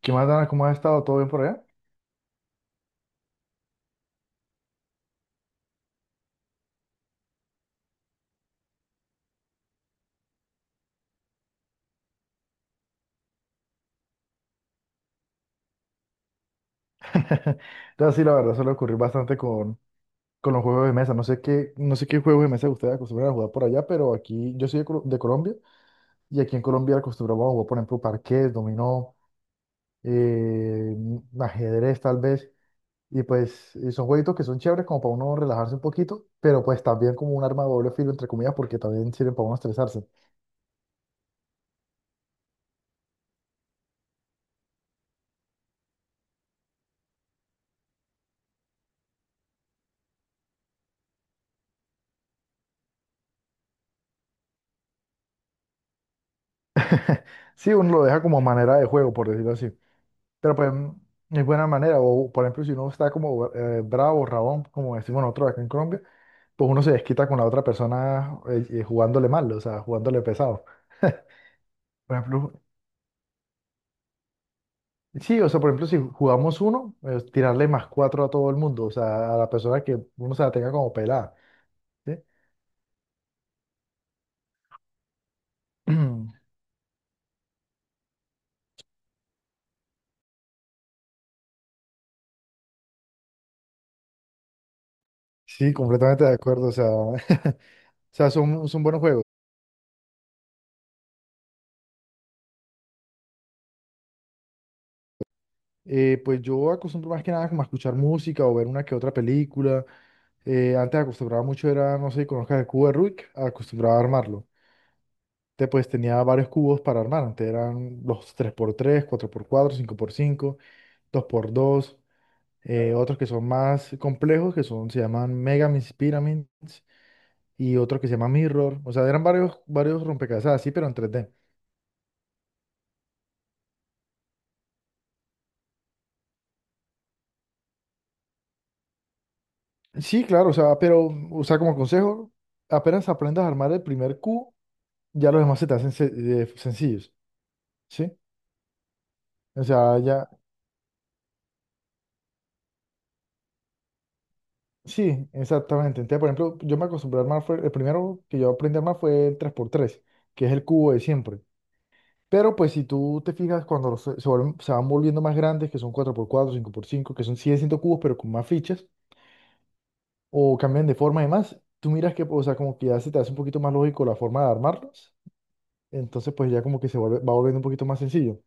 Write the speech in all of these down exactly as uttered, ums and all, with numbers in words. ¿Qué más, Dana? ¿Cómo has estado? ¿Todo bien por allá? Entonces, sí, la verdad suele ocurrir bastante con, con los juegos de mesa. No sé qué, no sé qué juegos de mesa ustedes acostumbran a jugar por allá, pero aquí, yo soy de, Colo- de Colombia, y aquí en Colombia acostumbramos a jugar, por ejemplo, parqués, dominó, eh, ajedrez tal vez, y pues y son jueguitos que son chéveres como para uno relajarse un poquito, pero pues también como un arma de doble filo, entre comillas, porque también sirven para uno estresarse. Sí, uno lo deja como manera de juego, por decirlo así. Pero pues es buena manera. O por ejemplo, si uno está como eh, bravo, rabón, como decimos nosotros acá en Colombia, pues uno se desquita con la otra persona eh, eh, jugándole mal, o sea, jugándole pesado. Por ejemplo, sí, o sea, por ejemplo, si jugamos uno, eh, tirarle más cuatro a todo el mundo, o sea, a la persona que uno se la tenga como pelada, ¿sí? Sí, completamente de acuerdo, o sea, o sea, son, son buenos juegos. Eh, pues yo acostumbro más que nada como a escuchar música o ver una que otra película. Eh, antes acostumbraba mucho era, no sé si conozcas el cubo de Rubik, acostumbraba a armarlo. Te, pues tenía varios cubos para armar. Antes eran los tres por tres, cuatro por cuatro, cinco por cinco, dos por dos, eh, otros que son más complejos, que son, se llaman Megamis Pyramids, y otros que se llaman Mirror. O sea, eran varios, varios rompecabezas así, pero en tres D. Sí, claro, o sea, pero, o sea, como consejo, apenas aprendas a armar el primer cubo, ya los demás se te hacen se- eh, sencillos, ¿sí? O sea, ya, sí, exactamente. Entonces, por ejemplo, yo me acostumbré a armar, fue, el primero que yo aprendí a armar fue el tres por tres, que es el cubo de siempre. Pero pues si tú te fijas, cuando los- se, se vuelven- se van volviendo más grandes, que son cuatro por cuatro, cinco por cinco, que son, siguen siendo cubos, pero con más fichas, o cambian de forma y demás, tú miras que, o sea, como que ya se te hace un poquito más lógico la forma de armarlos. Entonces, pues ya como que se vuelve, va volviendo un poquito más sencillo.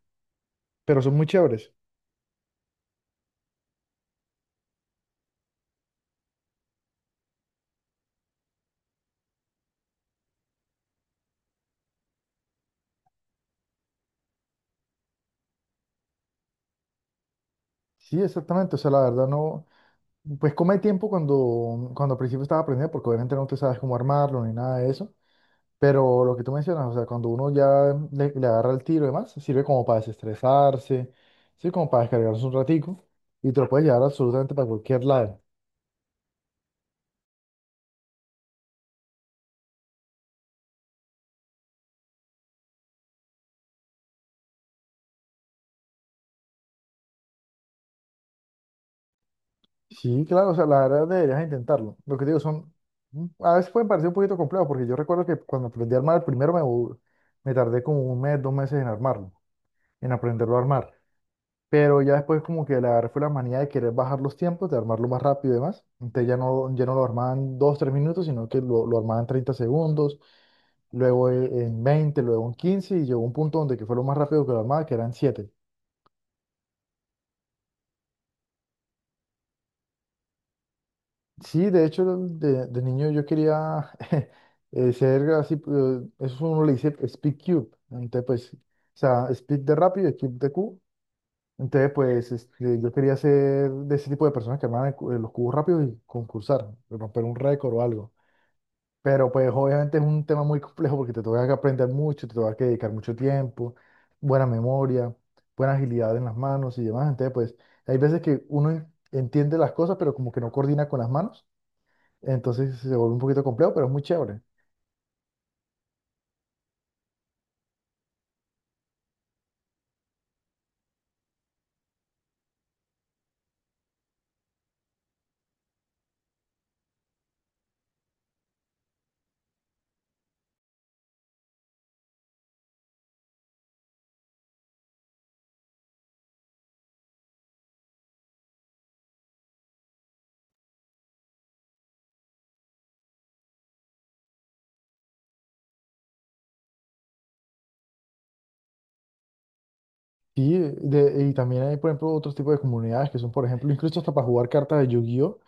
Pero son muy chéveres. Sí, exactamente. O sea, la verdad no. Pues come tiempo cuando, cuando al principio estaba aprendiendo, porque obviamente no te sabes cómo armarlo ni nada de eso. Pero lo que tú mencionas, o sea, cuando uno ya le, le agarra el tiro y demás, sirve como para desestresarse, sirve como para descargarse un ratico y te lo puedes llevar absolutamente para cualquier lado. Sí, claro, o sea, la verdad deberías intentarlo. Lo que te digo son, mm, a veces pueden parecer un poquito complejo, porque yo recuerdo que cuando aprendí a armar el primero me, bu- me tardé como un mes, dos meses en armarlo, en aprenderlo a armar. Pero ya después como que le agarré fue la manía de querer bajar los tiempos, de armarlo más rápido y demás. Entonces ya no, ya no lo armaban dos tres minutos, sino que lo, lo armaban treinta segundos, luego e- en veinte, luego en quince, y llegó un punto donde que fue lo más rápido que lo armaba, que eran siete. Sí, de hecho de, de niño yo quería eh, ser así, eh, eso uno le dice Speed Cube. Entonces pues, o sea, Speed de rápido y Cube de Q. Entonces pues este, yo quería ser de ese tipo de personas que armaban el cu- eh, los cubos rápidos y concursar, romper un récord o algo. Pero pues obviamente es un tema muy complejo porque te toca que aprender mucho, te toca que dedicar mucho tiempo, buena memoria, buena agilidad en las manos y demás. Entonces, pues hay veces que uno en- entiende las cosas, pero como que no coordina con las manos. Entonces se vuelve un poquito complejo, pero es muy chévere. Sí de, y también hay, por ejemplo, otros tipos de comunidades que son, por ejemplo, incluso hasta para jugar cartas de Yu-Gi-Oh!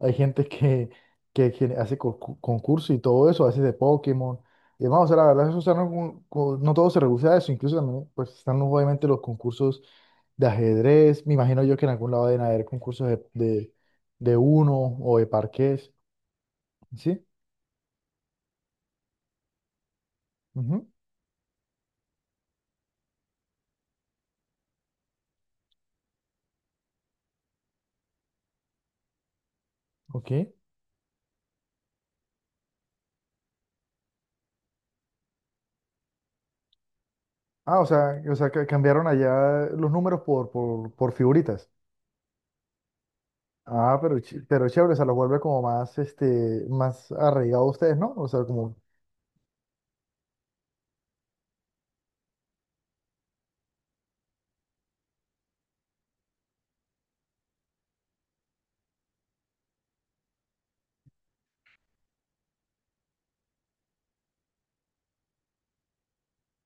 Hay gente que, que, gen- hace co- co- concursos y todo eso, hace de Pokémon. Y demás, o sea, la verdad, eso, o sea, no, como- como- no todo se reduce a eso. Incluso también, pues, están obviamente los concursos de ajedrez. Me imagino yo que en algún lado deben haber concursos de, de, de uno o de parqués. ¿Sí? Ujú. Ok. Ah, o sea, o sea, que cambiaron allá los números por, por, por figuritas. Ah, pero, ch- pero chévere, o sea, los vuelve como más, este, más arraigados ustedes, ¿no? O sea, como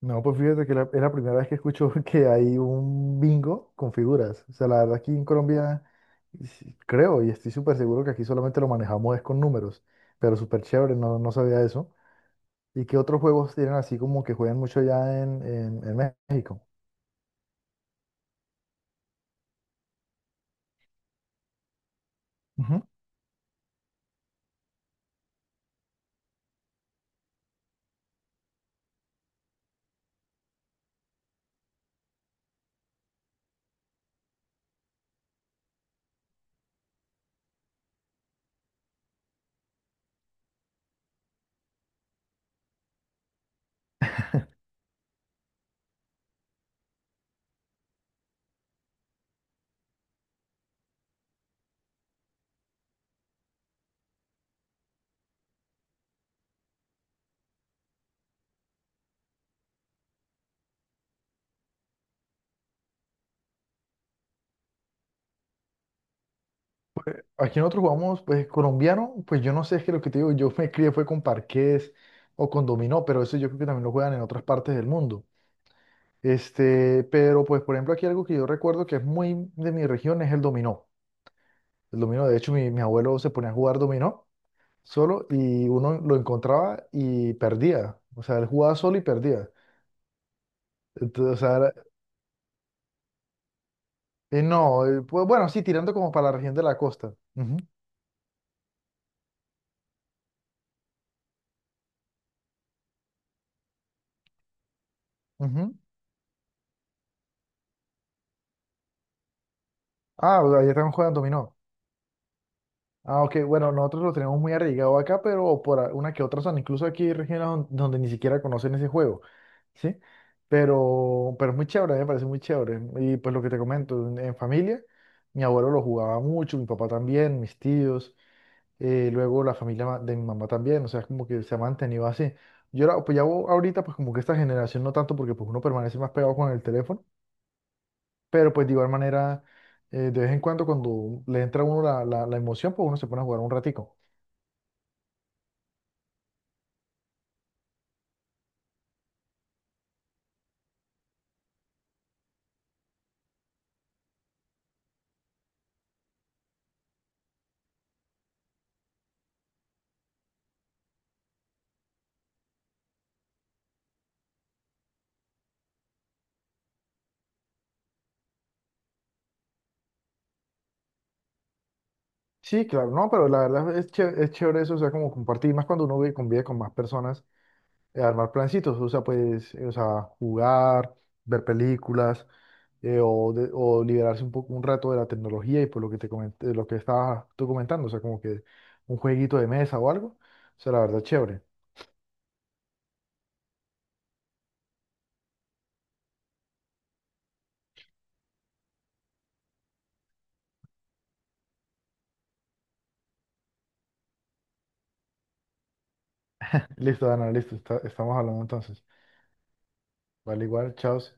no, pues fíjate que la- es la primera vez que escucho que hay un bingo con figuras. O sea, la verdad aquí en Colombia sí, creo y estoy súper seguro que aquí solamente lo manejamos es con números, pero súper chévere, no, no sabía eso. ¿Y qué otros juegos tienen así como que juegan mucho allá en, en- en México? Ujú. Aquí nosotros jugamos, pues colombiano, pues yo no sé, es que lo que te digo, yo me crié fue con parqués o con dominó, pero eso yo creo que también lo juegan en otras partes del mundo. Este, pero pues por ejemplo aquí algo que yo recuerdo que es muy de mi región es el dominó. El dominó, de hecho, mi, mi abuelo se ponía a jugar dominó solo y uno lo encontraba y perdía. O sea, él jugaba solo y perdía. Entonces, o sea, era- eh, no, eh, pues, bueno, sí, tirando como para la región de la costa. Ujú, ujú. Ah, o sea, allá también jugando dominó. Ah, ok, bueno, nosotros lo tenemos muy arraigado acá, pero por a- una que otra zona. Incluso aquí hay regiones don- donde ni siquiera conocen ese juego, ¿sí? Pero, pero es muy chévere, me parece muy chévere. Y pues lo que te comento, en en familia, mi abuelo lo jugaba mucho, mi papá también, mis tíos. eh, luego la familia ma- de mi mamá también, o sea, es como que se ha mantenido así. Yo la- pues ya o- ahorita, pues como que esta generación no tanto, porque pues uno permanece más pegado con el teléfono, pero pues de igual manera, eh, de vez en cuando cuando le entra a uno la, la, la emoción, pues uno se pone a jugar un ratico. Sí, claro, no, pero la verdad es, ché- es chévere eso, o sea, como compartir, más cuando uno vive, convive con más personas, eh, armar plancitos, o sea, pues, eh, o sea, jugar, ver películas, eh, o, de- o liberarse un poco un rato de la tecnología y por lo que te comenté, de lo que estabas tú comentando, o sea, como que un jueguito de mesa o algo. O sea, la verdad, chévere. Listo, Dana, listo, está- estamos hablando entonces. Vale, igual, chao. Sí.